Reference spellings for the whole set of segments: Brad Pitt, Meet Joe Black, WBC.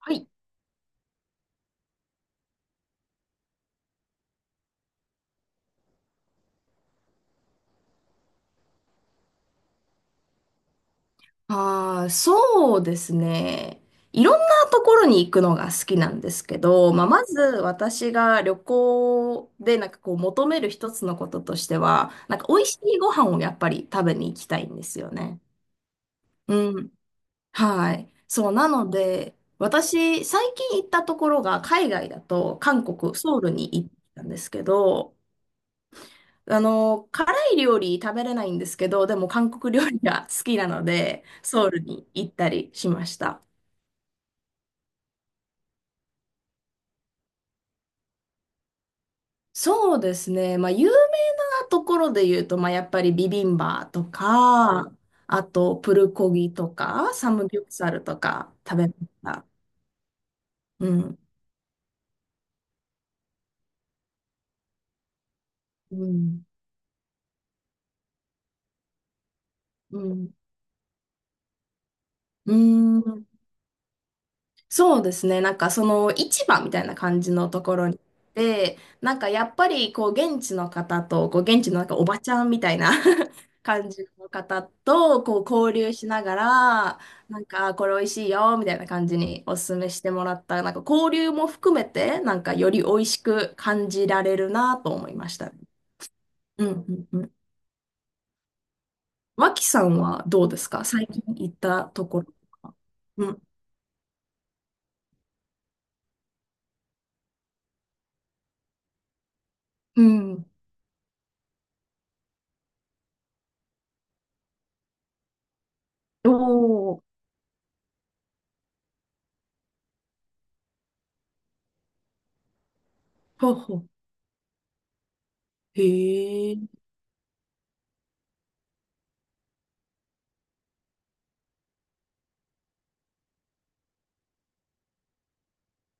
はい。ああ、そうですね。いろんなところに行くのが好きなんですけど、まあ、まず私が旅行でなんかこう求める一つのこととしては、なんか美味しいご飯をやっぱり食べに行きたいんですよね。うん。はい。そう、なので、私、最近行ったところが海外だと韓国、ソウルに行ったんですけど、あの、辛い料理食べれないんですけど、でも韓国料理が好きなので、ソウルに行ったりしました。そうですね。まあ、有名なところで言うと、まあ、やっぱりビビンバとか、あと、プルコギとか、サムギョプサルとか食べました。うん。うん。うん。うん。そうですね。なんかその市場みたいな感じのところに行って、なんかやっぱりこう現地の方と、こう現地のなんかおばちゃんみたいな 感じの方とこう交流しながら、なんかこれ美味しいよみたいな感じにお勧めしてもらった、なんか交流も含めて、なんかより美味しく感じられるなと思いましたね。うんうんうん。脇さんはどうですか、最近行ったところとか。うん。うん。おー。ほうほう。へえ。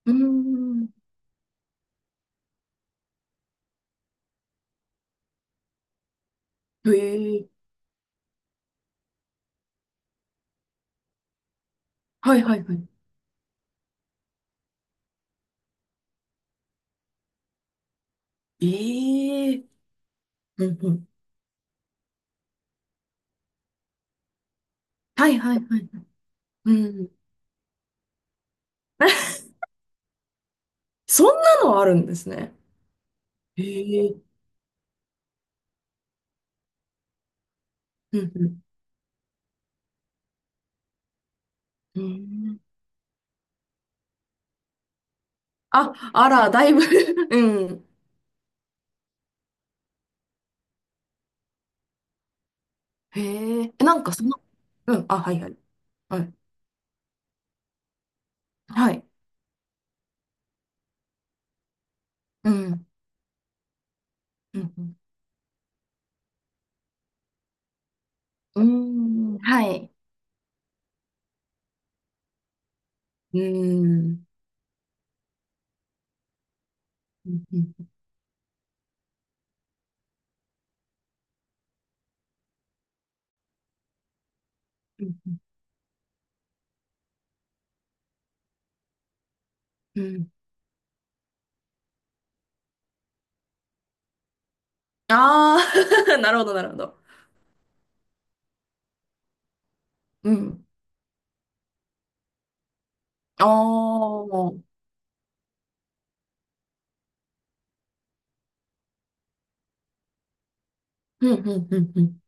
うーん。へえ。はいはいはい。ええ。うんうん。はいはいはい。うん。そんなのあるんですね。へえ。うんうん。うん。あ、あら、だいぶ うん。へえ。え、なんかその、うん。あ、はいはい。はい。はい。うん。うんうん。うーん。はい。うーん。うんうんうんうん。ああー なるほどなるほど。うん。ああ。うんうんうんうん。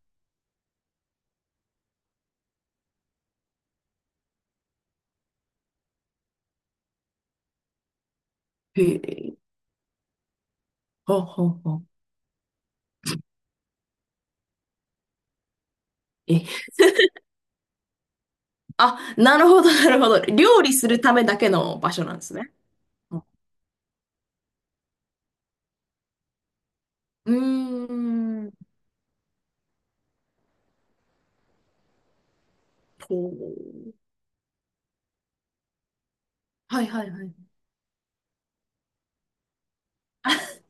へえ。ほうほうほう。え、あ、なるほど、なるほど。料理するためだけの場所なんですね。うん、うーん。ほう。はいはいはい。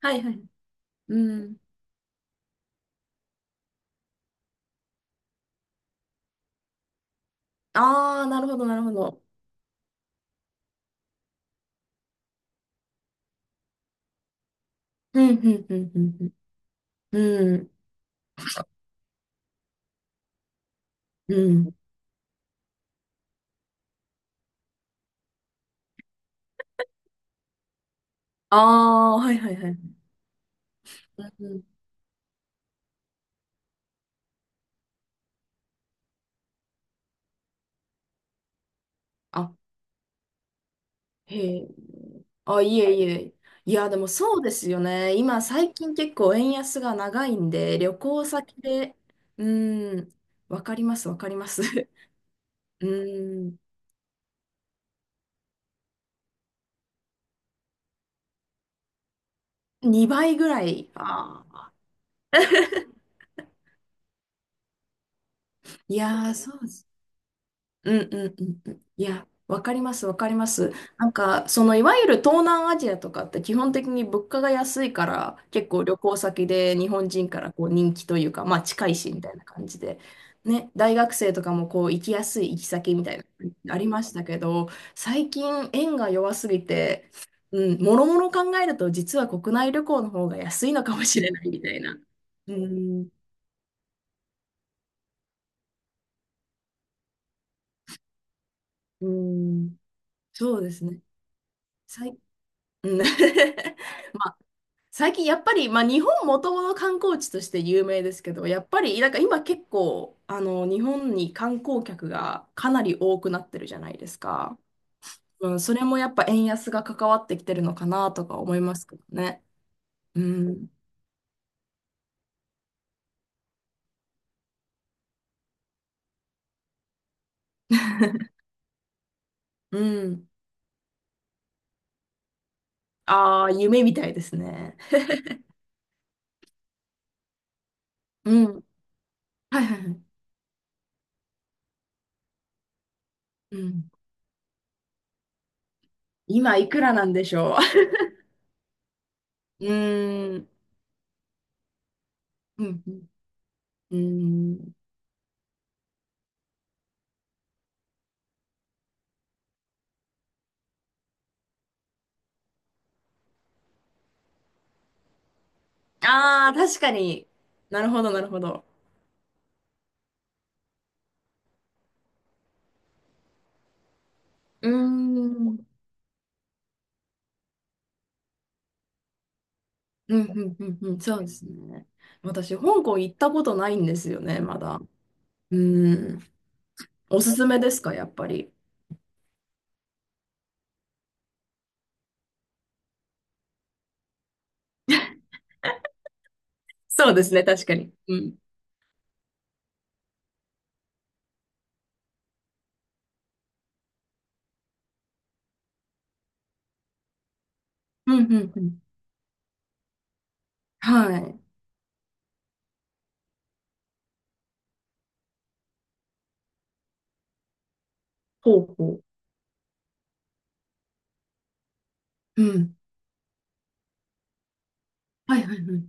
はいはい。うん。ああ、なるほど、なるほど。うん、うん、うん、うん。うん、うん。うん、ああ、はいはいはい。うん、あ、へえ。あ、いえいえ。いや、でもそうですよね。今、最近結構円安が長いんで、旅行先で、うん、わかります、わかります。うーん、2倍ぐらい、ああ、いやー、そうです。うんうんうんうん。いや、わかります、わかります。なんか、その、いわゆる東南アジアとかって基本的に物価が安いから、結構旅行先で日本人からこう人気というか、まあ近いしみたいな感じで、ね、大学生とかもこう行きやすい行き先みたいな、ありましたけど、最近円が弱すぎて、うん、もろもろ考えると実は国内旅行の方が安いのかもしれないみたいな。うん、うん、そうですね。最、うん。 まあ、最近やっぱり、まあ、日本もともと観光地として有名ですけど、やっぱりなんか今結構あの日本に観光客がかなり多くなってるじゃないですか。うん、それもやっぱ円安が関わってきてるのかなとか思いますけどね。うん、うん。ああ、夢みたいですね。うん。はいはいはい。うん、今いくらなんでしょう。うーん。うん。うん。うーん、ああ、確かに。なるほど、なるほど。うーん。うん、うん、うん、うん。そうですね。私、香港行ったことないんですよね、まだ。うーん。おすすめですか、やっぱり。そうですね、確かに。うん。うん、うん、うん。はい。ほうほう。うん。はい、はい、はい。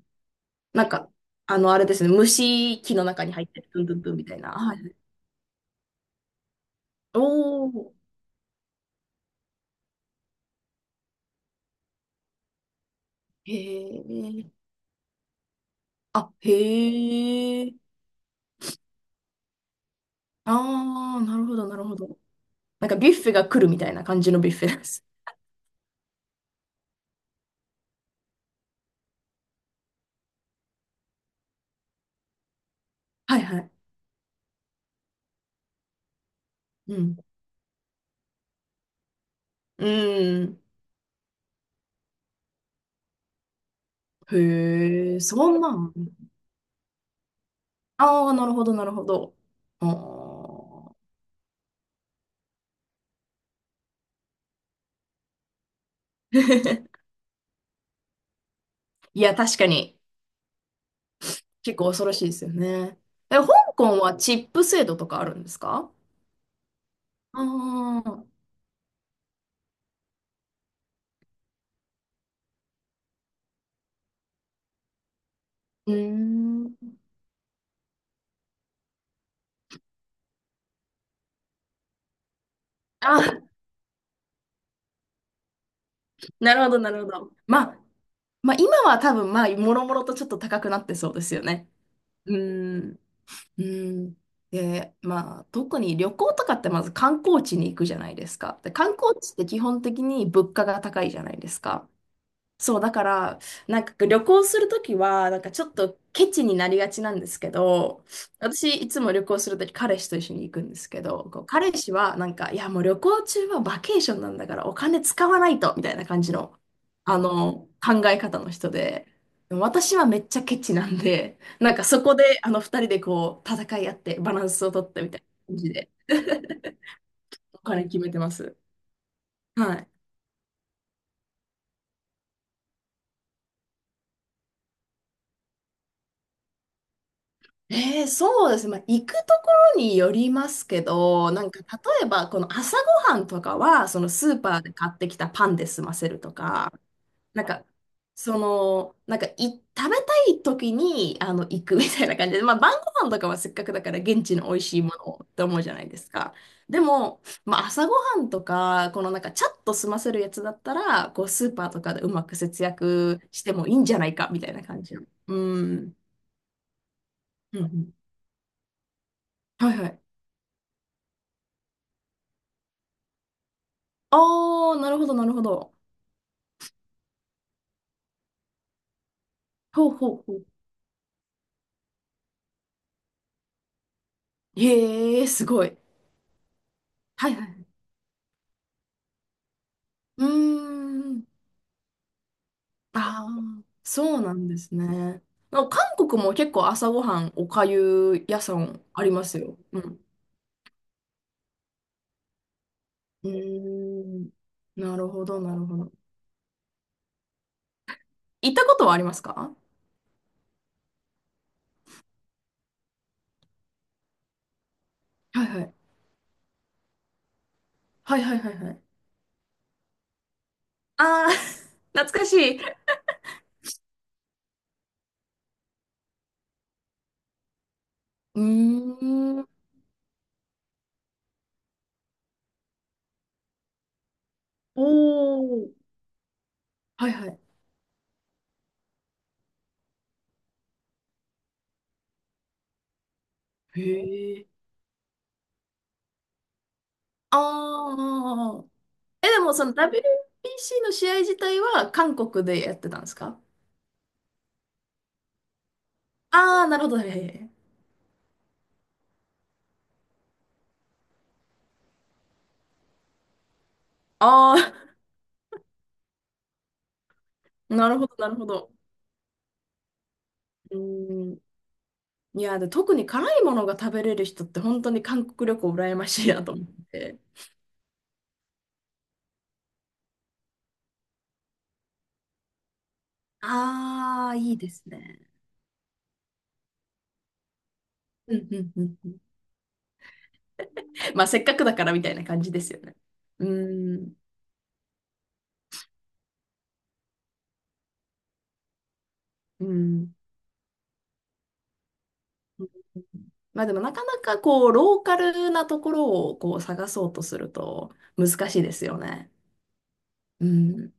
なんか、あの、あれですね、虫木の中に入ってる、ドゥンドゥンドゥンみたいな。はい。おお。へえ。あ、へえ。ああ、なるほど、なるほど。なんかビュッフェが来るみたいな感じのビュッフェです。はいはい。うん。うん。へえ、そんなん。ああ、なるほど、なるほど。あー。 いや、確かに、結構恐ろしいですよね。え、香港はチップ制度とかあるんですか。ああー、うーん。あ、なるほど、なるほど。まあ、まあ、今は多分、まあ、もろもろとちょっと高くなってそうですよね。うーん。うん。で、まあ、特に旅行とかってまず観光地に行くじゃないですか。で、観光地って基本的に物価が高いじゃないですか。そう、だから、なんか旅行するときは、なんかちょっとケチになりがちなんですけど、私いつも旅行するとき彼氏と一緒に行くんですけど、こう彼氏はなんか、いやもう旅行中はバケーションなんだからお金使わないと、みたいな感じの、あの、考え方の人で、でも私はめっちゃケチなんで、なんかそこであの二人でこう戦い合ってバランスを取ってみたいな感じで、お金決めてます。はい。そうですね。まあ、行くところによりますけど、なんか例えばこの朝ごはんとかは、そのスーパーで買ってきたパンで済ませるとか、なんか、その、なんかい、食べたい時にあの行くみたいな感じで、まあ晩ご飯とかはせっかくだから現地の美味しいものをって思うじゃないですか。でも、まあ朝ごはんとか、このなんかチャッと済ませるやつだったら、こうスーパーとかでうまく節約してもいいんじゃないかみたいな感じの。うん。うんうん。はいはい。ああ、なるほど、なるほど。ほうほうほう。へえ、すごい。はいはい。うーん。ああ、そうなんですね。なんか韓国も結構朝ごはん、おかゆ屋さんありますよ。うん。うーん。なるほど、なるほど。行ったことはありますか。はいはい。はいはいはいはい。ああ、懐かしい。うーん。おー。はいはい。へえ。ああ。え、でもその WBC の試合自体は韓国でやってたんですか。ああー、なるほど。はいはいはい。ああ、なるほど、なるほど。うーん。いや、で、特に辛いものが食べれる人って本当に韓国旅行羨ましいなと思って。ああ、いいですね。うんうんうんうん。まあ、せっかくだからみたいな感じですよね。うーん。うん。まあでもなかなかこう、ローカルなところをこう探そうとすると難しいですよね。うん。